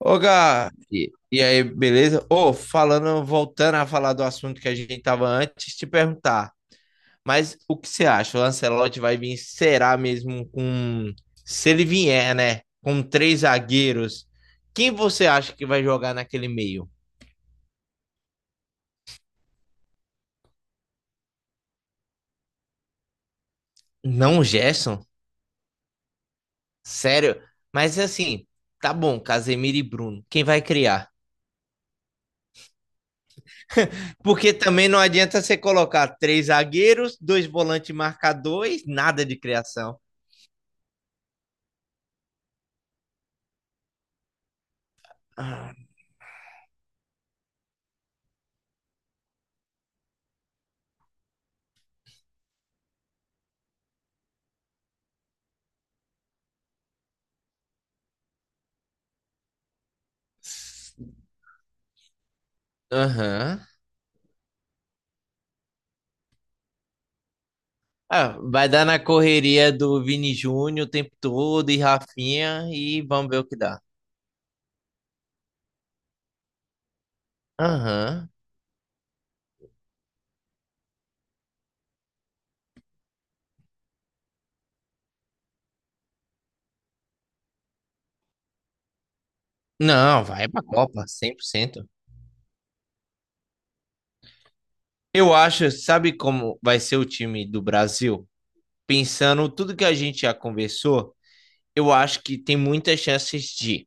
Ô, Gá, e aí, beleza? Ô, falando, voltando a falar do assunto que a gente tava antes, te perguntar, mas o que você acha? O Ancelotti vai vir, será mesmo com, se ele vier, né, com três zagueiros, quem você acha que vai jogar naquele meio? Não o Gerson? Sério? Mas assim, tá bom, Casemiro e Bruno, quem vai criar? Porque também não adianta você colocar três zagueiros, dois volantes marcadores, nada de criação. Ah. Aham. Ah, vai dar na correria do Vini Júnior o tempo todo e Rafinha e vamos ver o que dá. Aham. Não, vai pra Copa, 100%. Eu acho, sabe como vai ser o time do Brasil? Pensando tudo que a gente já conversou, eu acho que tem muitas chances de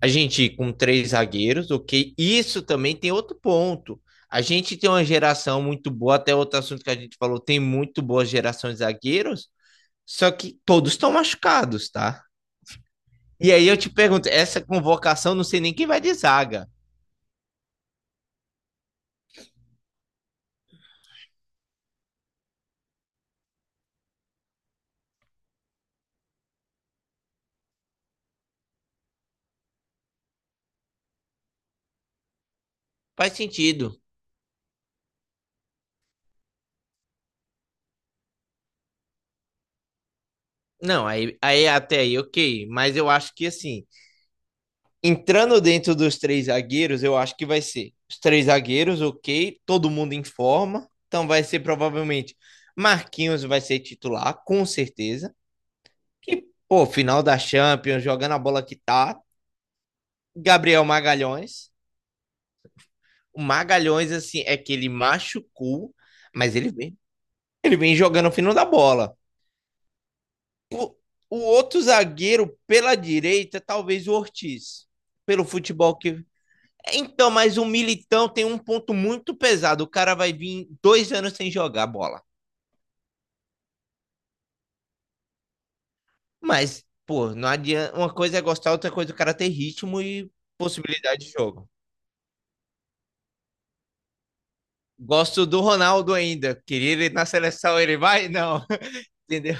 a gente ir com três zagueiros, ok? Isso também tem outro ponto. A gente tem uma geração muito boa, até outro assunto que a gente falou, tem muito boa geração de zagueiros. Só que todos estão machucados, tá? E aí eu te pergunto, essa convocação não sei nem quem vai de zaga. Faz sentido. Não, aí, até aí, ok. Mas eu acho que assim, entrando dentro dos três zagueiros, eu acho que vai ser os três zagueiros, ok. Todo mundo em forma. Então vai ser provavelmente Marquinhos vai ser titular, com certeza. E, pô, final da Champions, jogando a bola que tá. Gabriel Magalhães. O Magalhães, assim, é que ele machucou, mas ele vem jogando o fino da bola. O, o outro zagueiro pela direita, talvez o Ortiz, pelo futebol que. Então, mas o Militão tem um ponto muito pesado. O cara vai vir 2 anos sem jogar bola. Mas, pô, não adianta. Uma coisa é gostar, outra coisa é o cara ter ritmo e possibilidade de jogo. Gosto do Ronaldo ainda. Queria ele na seleção, ele vai? Não. Entendeu?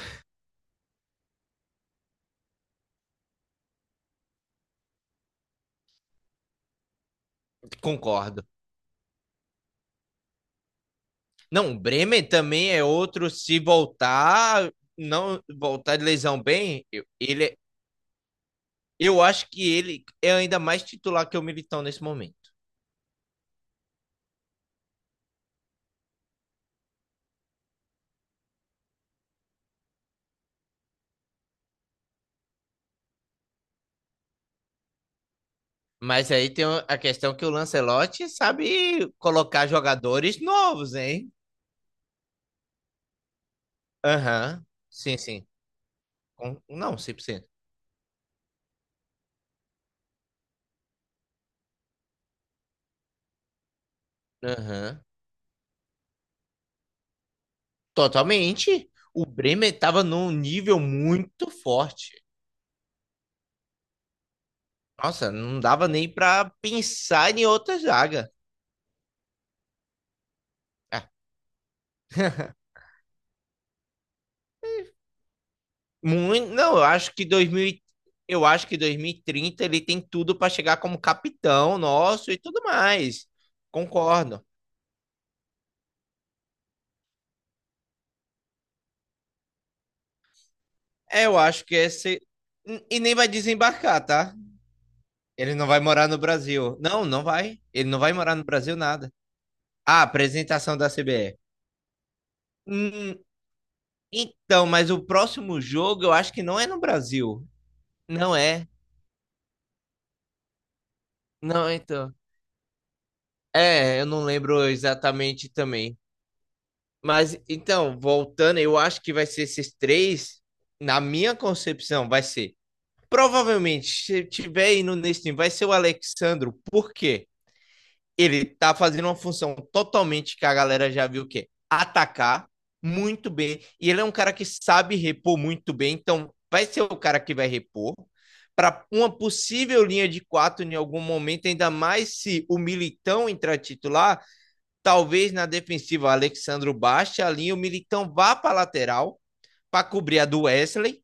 Concordo. Não, o Bremer também é outro. Se voltar, não voltar de lesão bem, eu acho que ele é ainda mais titular que o Militão nesse momento. Mas aí tem a questão que o Lancelotti sabe colocar jogadores novos, hein? Aham. Sim, sim. Não, 100%. Aham. Totalmente. O Bremer estava num nível muito forte. Nossa, não dava nem para pensar em outra zaga. Ah, muito, não, eu acho que 2030 ele tem tudo para chegar como capitão nosso e tudo mais. Concordo. É, eu acho que esse e nem vai desembarcar, tá? Ele não vai morar no Brasil. Não, não vai. Ele não vai morar no Brasil nada. Ah, apresentação da CBE. Hum, então, mas o próximo jogo eu acho que não é no Brasil. Não é. Não, então. É, eu não lembro exatamente também. Mas então, voltando, eu acho que vai ser esses três, na minha concepção, vai ser. Provavelmente, se tiver indo nesse time, vai ser o Alexandro, porque ele tá fazendo uma função totalmente que a galera já viu que é atacar muito bem. E ele é um cara que sabe repor muito bem, então vai ser o cara que vai repor para uma possível linha de quatro em algum momento, ainda mais se o Militão entrar titular. Talvez na defensiva, o Alexandro baixe a linha, o Militão vá para a lateral para cobrir a do Wesley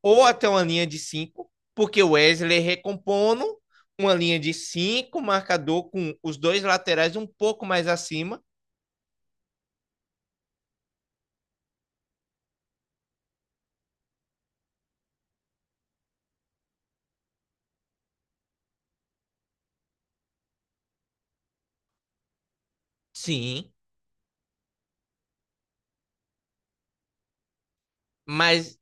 ou até uma linha de cinco, porque o Wesley recompondo uma linha de 5 marcador com os dois laterais um pouco mais acima. Sim, mas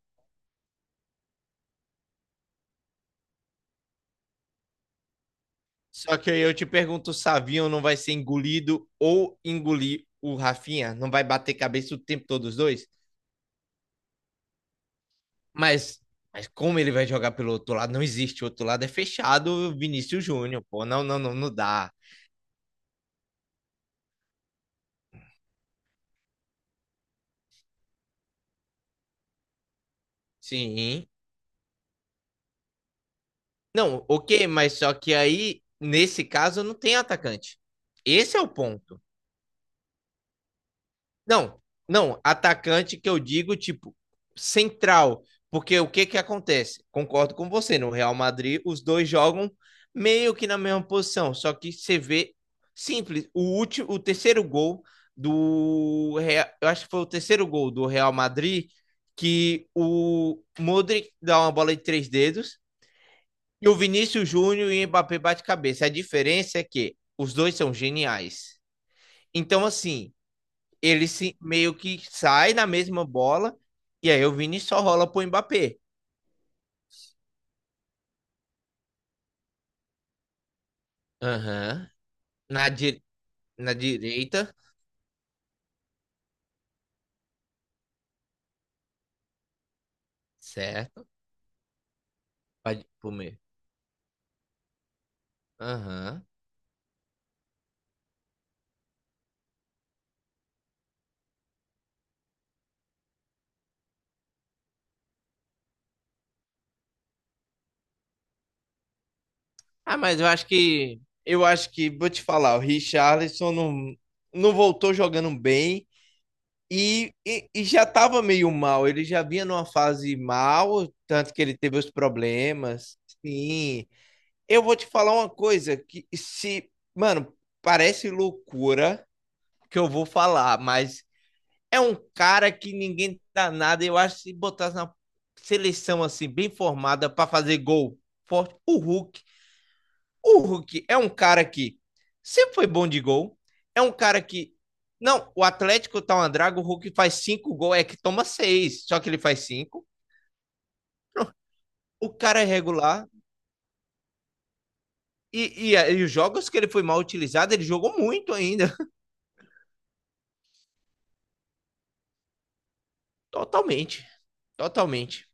só que eu te pergunto, o Savinho não vai ser engolido ou engolir o Rafinha? Não vai bater cabeça o tempo todo os dois? Mas, mas como ele vai jogar pelo outro lado? Não existe. O outro lado é fechado, Vinícius Júnior, pô. Não, não, não, não dá. Sim. Não, ok, mas só que aí, nesse caso, não tem atacante. Esse é o ponto. Não, não, atacante que eu digo, tipo, central. Porque o que que acontece? Concordo com você, no Real Madrid os dois jogam meio que na mesma posição, só que você vê simples, o último, o terceiro gol do Real, eu acho que foi o terceiro gol do Real Madrid que o Modric dá uma bola de três dedos e o Vinícius Júnior e o Mbappé bate cabeça. A diferença é que os dois são geniais. Então assim, ele se meio que sai na mesma bola e aí o Vini só rola pro Mbappé. Aham. Na, di na direita, certo? Pode pro meio. Aham. Ah, mas eu acho que vou te falar, o Richarlison não voltou jogando bem e já tava meio mal, ele já vinha numa fase mal, tanto que ele teve os problemas. Sim. Eu vou te falar uma coisa que se, mano, parece loucura, que eu vou falar, mas é um cara que ninguém dá nada. Eu acho que se botasse na seleção assim, bem formada, para fazer gol forte, o Hulk. O Hulk é um cara que sempre foi bom de gol. É um cara que. Não, o Atlético tá uma draga, o Hulk faz cinco gols, é que toma seis, só que ele faz cinco. O cara é regular. E os jogos que ele foi mal utilizado, ele jogou muito ainda. Totalmente. Totalmente.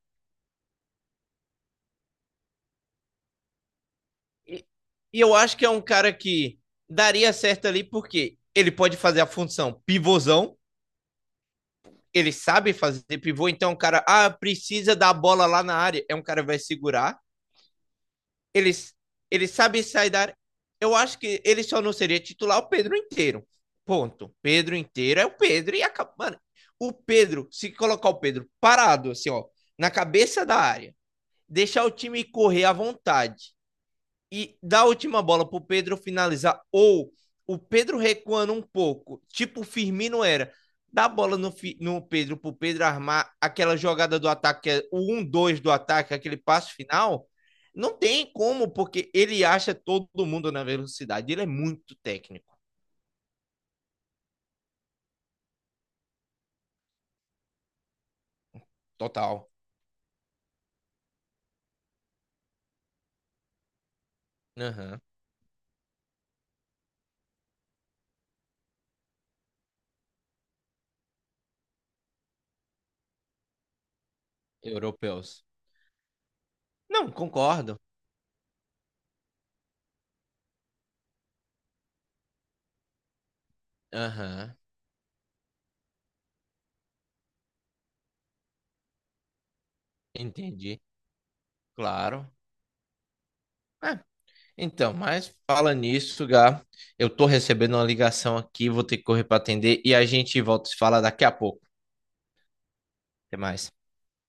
E eu acho que é um cara que daria certo ali, porque ele pode fazer a função pivôzão, ele sabe fazer pivô, então o cara, ah, precisa da bola lá na área, é um cara que vai segurar, ele, ele sabe sair da área. Eu acho que ele só não seria titular o Pedro inteiro. Ponto. Pedro inteiro é o Pedro e acaba. Mano, o Pedro, se colocar o Pedro parado, assim, ó, na cabeça da área, deixar o time correr à vontade, e dá a última bola para o Pedro finalizar, ou o Pedro recuando um pouco, tipo o Firmino era, dá a bola no Pedro para o Pedro armar aquela jogada do ataque, o 1-2 do ataque, aquele passo final, não tem como, porque ele acha todo mundo na velocidade, ele é muito técnico. Total. Uhum. Europeus. Não, concordo. Aham. Uhum. Entendi. Claro. É, então, mas fala nisso, Gá. Eu tô recebendo uma ligação aqui, vou ter que correr para atender e a gente volta a se falar daqui a pouco. Até mais.